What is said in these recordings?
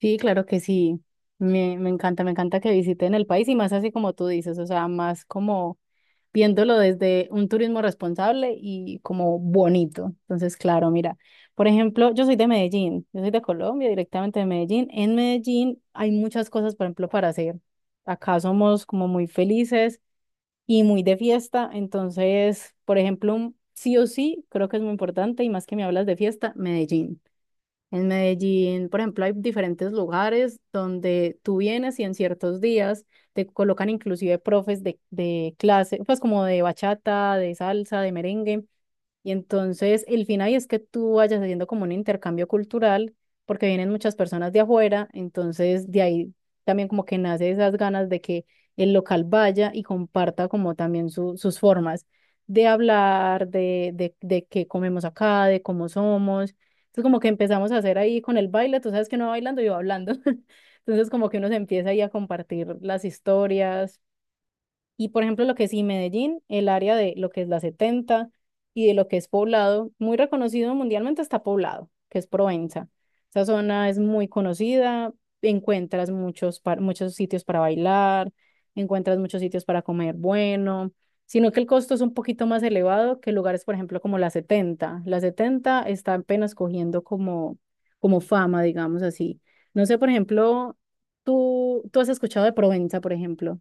Sí, claro que sí. Me encanta, me encanta que visiten el país y más así como tú dices, o sea, más como viéndolo desde un turismo responsable y como bonito. Entonces, claro, mira, por ejemplo, yo soy de Medellín, yo soy de Colombia, directamente de Medellín. En Medellín hay muchas cosas, por ejemplo, para hacer. Acá somos como muy felices y muy de fiesta, entonces, por ejemplo, sí o sí, creo que es muy importante y más que me hablas de fiesta, Medellín. En Medellín, por ejemplo, hay diferentes lugares donde tú vienes y en ciertos días te colocan inclusive profes de clase, pues como de bachata, de salsa, de merengue. Y entonces el fin ahí es que tú vayas haciendo como un intercambio cultural, porque vienen muchas personas de afuera, entonces de ahí también como que nace esas ganas de que el local vaya y comparta como también sus formas de hablar, de qué comemos acá, de cómo somos. Entonces como que empezamos a hacer ahí con el baile, tú sabes que no va bailando, yo va hablando. Entonces como que uno se empieza ahí a compartir las historias y, por ejemplo, lo que es y Medellín, el área de lo que es la 70 y de lo que es Poblado. Muy reconocido mundialmente está Poblado, que es Provenza. Esa zona es muy conocida, encuentras muchos, muchos sitios para bailar, encuentras muchos sitios para comer bueno, sino que el costo es un poquito más elevado que lugares, por ejemplo, como la 70. La 70 está apenas cogiendo como fama, digamos así. No sé, por ejemplo, tú has escuchado de Provenza, por ejemplo.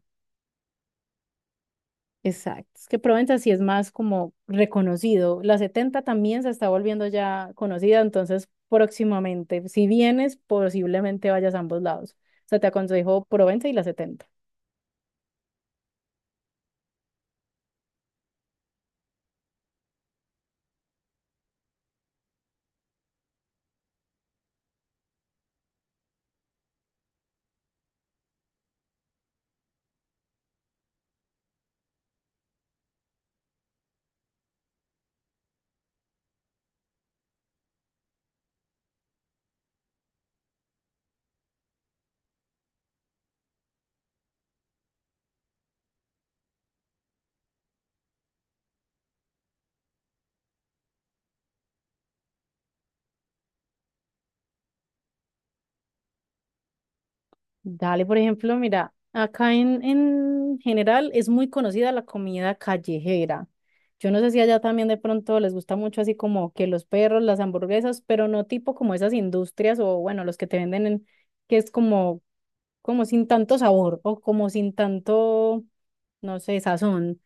Exacto. Es que Provenza sí es más como reconocido. La 70 también se está volviendo ya conocida, entonces próximamente, si vienes, posiblemente vayas a ambos lados. O sea, te aconsejo Provenza y la 70. Dale, por ejemplo, mira, acá en general es muy conocida la comida callejera. Yo no sé si allá también de pronto les gusta mucho así como que los perros, las hamburguesas, pero no tipo como esas industrias o bueno, los que te venden en, que es como sin tanto sabor o como sin tanto, no sé, sazón.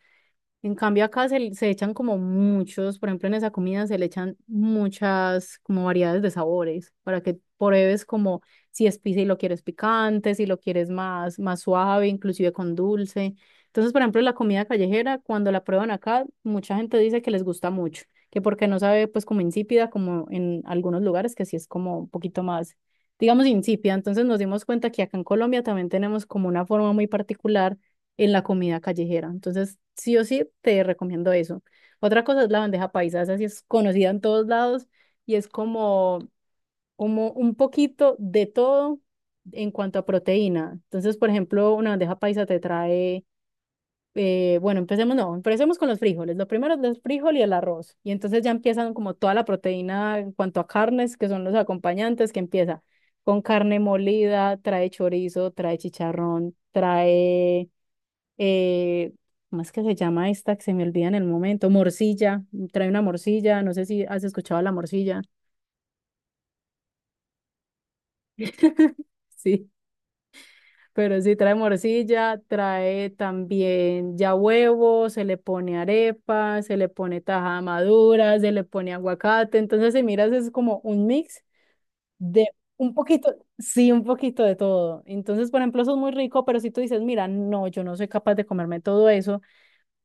En cambio acá se echan como muchos, por ejemplo en esa comida se le echan muchas como variedades de sabores para que pruebes como si es pizza y lo quieres picante, si lo quieres más, más suave, inclusive con dulce. Entonces, por ejemplo, la comida callejera, cuando la prueban acá, mucha gente dice que les gusta mucho, que porque no sabe pues como insípida, como en algunos lugares que sí es como un poquito más, digamos, insípida. Entonces nos dimos cuenta que acá en Colombia también tenemos como una forma muy particular en la comida callejera. Entonces, sí o sí, te recomiendo eso. Otra cosa es la bandeja paisa, esa sí es conocida en todos lados y es como, como un poquito de todo en cuanto a proteína. Entonces, por ejemplo, una bandeja paisa te trae, bueno, empecemos, no, empecemos con los frijoles. Lo primero es el frijol y el arroz. Y entonces ya empiezan como toda la proteína en cuanto a carnes, que son los acompañantes, que empieza con carne molida, trae chorizo, trae chicharrón, trae eh, ¿cómo es que se llama esta que se me olvida en el momento? Morcilla, trae una morcilla, no sé si has escuchado la morcilla. Sí, pero sí trae morcilla, trae también ya huevo, se le pone arepa, se le pone tajada madura, se le pone aguacate, entonces si miras es como un mix de un poquito, sí, un poquito de todo. Entonces, por ejemplo, eso es muy rico, pero si tú dices, mira, no, yo no soy capaz de comerme todo eso.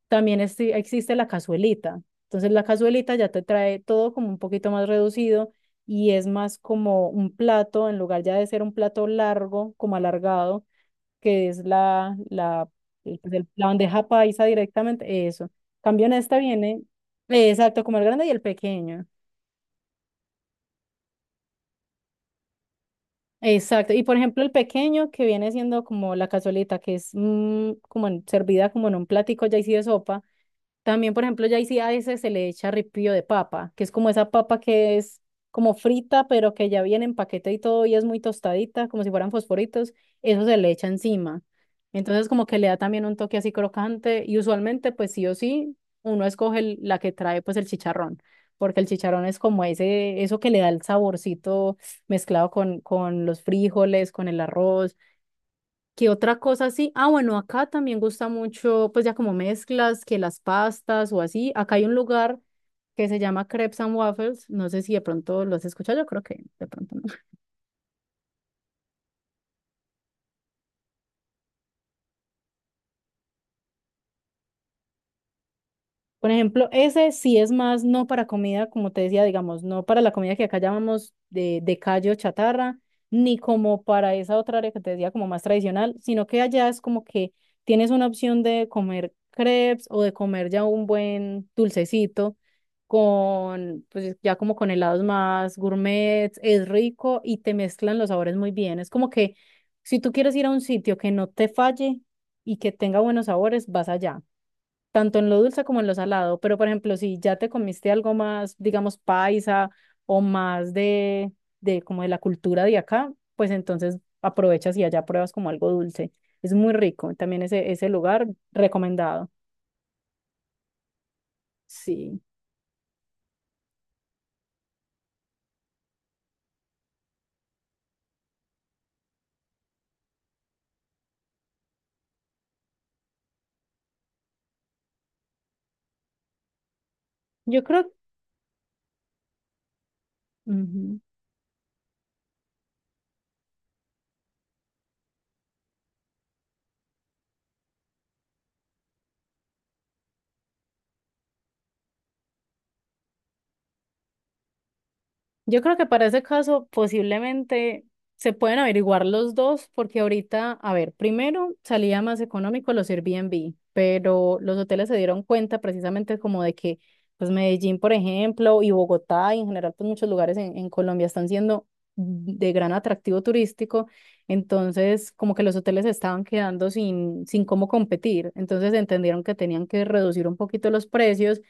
También existe la cazuelita. Entonces la cazuelita ya te trae todo como un poquito más reducido y es más como un plato, en lugar ya de ser un plato largo, como alargado, que es la pues, la bandeja paisa directamente, eso. En cambio en esta viene, exacto, como el grande y el pequeño. Exacto. Y, por ejemplo, el pequeño que viene siendo como la cazuelita, que es como servida como en un platico ya así de sopa. También, por ejemplo, ya ahí sí a ese se le echa ripio de papa, que es como esa papa que es como frita, pero que ya viene en paquete y todo, y es muy tostadita, como si fueran fosforitos, eso se le echa encima. Entonces, como que le da también un toque así crocante, y usualmente, pues sí o sí, uno escoge la que trae pues el chicharrón, porque el chicharrón es como ese, eso que le da el saborcito mezclado con los frijoles, con el arroz. ¿Qué otra cosa así? Ah, bueno, acá también gusta mucho, pues ya como mezclas, que las pastas o así. Acá hay un lugar que se llama Crepes and Waffles. No sé si de pronto lo has escuchado, yo creo que de pronto no. Por ejemplo, ese sí es más no para comida, como te decía, digamos, no para la comida que acá llamamos de calle o chatarra, ni como para esa otra área que te decía como más tradicional, sino que allá es como que tienes una opción de comer crepes o de comer ya un buen dulcecito con, pues ya como con helados más gourmet, es rico y te mezclan los sabores muy bien. Es como que si tú quieres ir a un sitio que no te falle y que tenga buenos sabores, vas allá tanto en lo dulce como en lo salado. Pero, por ejemplo, si ya te comiste algo más, digamos, paisa o más de, como de la cultura de acá, pues entonces aprovechas y allá pruebas como algo dulce. Es muy rico. También ese lugar recomendado. Sí. Yo creo. Ujú. Yo creo que para ese caso posiblemente se pueden averiguar los dos, porque ahorita, a ver, primero salía más económico los Airbnb, pero los hoteles se dieron cuenta precisamente como de que, pues Medellín, por ejemplo, y Bogotá, y en general, pues muchos lugares en Colombia están siendo de gran atractivo turístico, entonces como que los hoteles se estaban quedando sin cómo competir, entonces entendieron que tenían que reducir un poquito los precios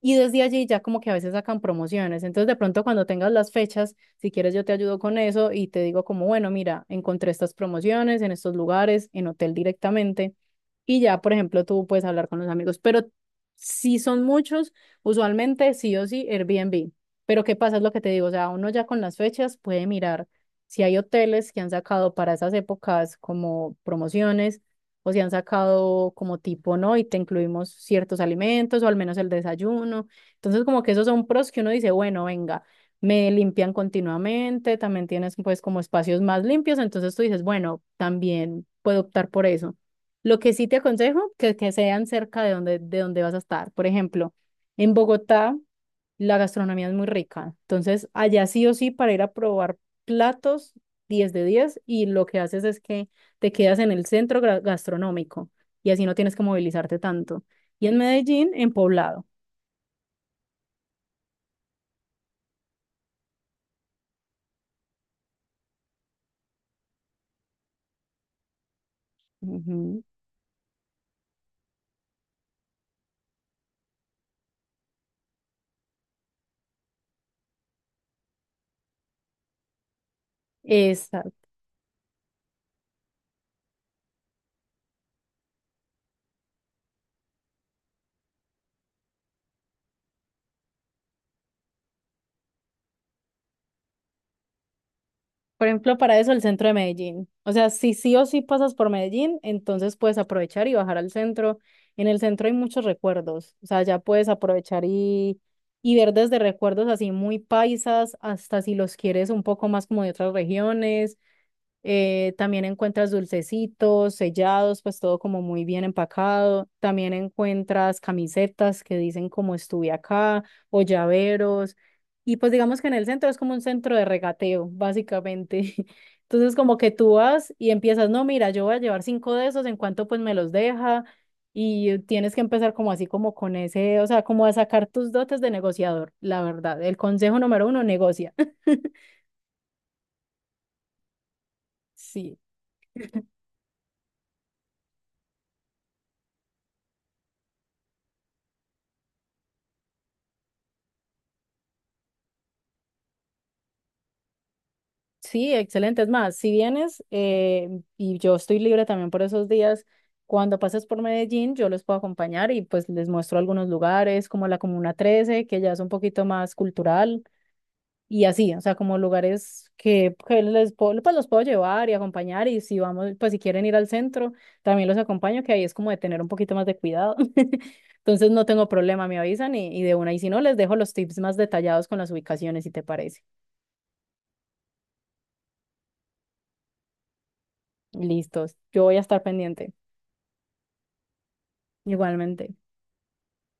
y desde allí ya como que a veces sacan promociones. Entonces de pronto cuando tengas las fechas, si quieres yo te ayudo con eso y te digo como, bueno, mira, encontré estas promociones en estos lugares, en hotel directamente. Y ya, por ejemplo, tú puedes hablar con los amigos. Pero si son muchos, usualmente sí o sí Airbnb. Pero ¿qué pasa? Es lo que te digo. O sea, uno ya con las fechas puede mirar si hay hoteles que han sacado para esas épocas como promociones o si han sacado como tipo, ¿no? Y te incluimos ciertos alimentos o al menos el desayuno. Entonces, como que esos son pros que uno dice, bueno, venga, me limpian continuamente, también tienes pues como espacios más limpios, entonces tú dices, bueno, también puedo optar por eso. Lo que sí te aconsejo, que sean cerca de donde vas a estar. Por ejemplo, en Bogotá. La gastronomía es muy rica. Entonces, allá sí o sí, para ir a probar platos, 10 de 10, y lo que haces es que te quedas en el centro gastronómico y así no tienes que movilizarte tanto. Y en Medellín, en Poblado. Ujú. Es, Por ejemplo, para eso el centro de Medellín. O sea, si sí o sí pasas por Medellín, entonces puedes aprovechar y bajar al centro. En el centro hay muchos recuerdos. O sea, ya puedes aprovechar y ver desde recuerdos así muy paisas hasta si los quieres un poco más como de otras regiones. También encuentras dulcecitos, sellados, pues todo como muy bien empacado. También encuentras camisetas que dicen como "estuve acá" o llaveros. Y pues digamos que en el centro es como un centro de regateo, básicamente. Entonces como que tú vas y empiezas, no, mira, yo voy a llevar cinco de esos, en cuanto pues me los deja. Y tienes que empezar como así, como con ese, o sea, como a sacar tus dotes de negociador, la verdad. El consejo número uno, negocia. Sí. Sí, excelente. Es más, si vienes y yo estoy libre también por esos días, cuando pases por Medellín, yo les puedo acompañar y pues les muestro algunos lugares como la Comuna 13, que ya es un poquito más cultural y así, o sea, como lugares que les puedo, pues los puedo llevar y acompañar y si vamos, pues si quieren ir al centro, también los acompaño, que ahí es como de tener un poquito más de cuidado. Entonces no tengo problema, me avisan y de una, y si no, les dejo los tips más detallados con las ubicaciones, si te parece. Listos, yo voy a estar pendiente. Igualmente.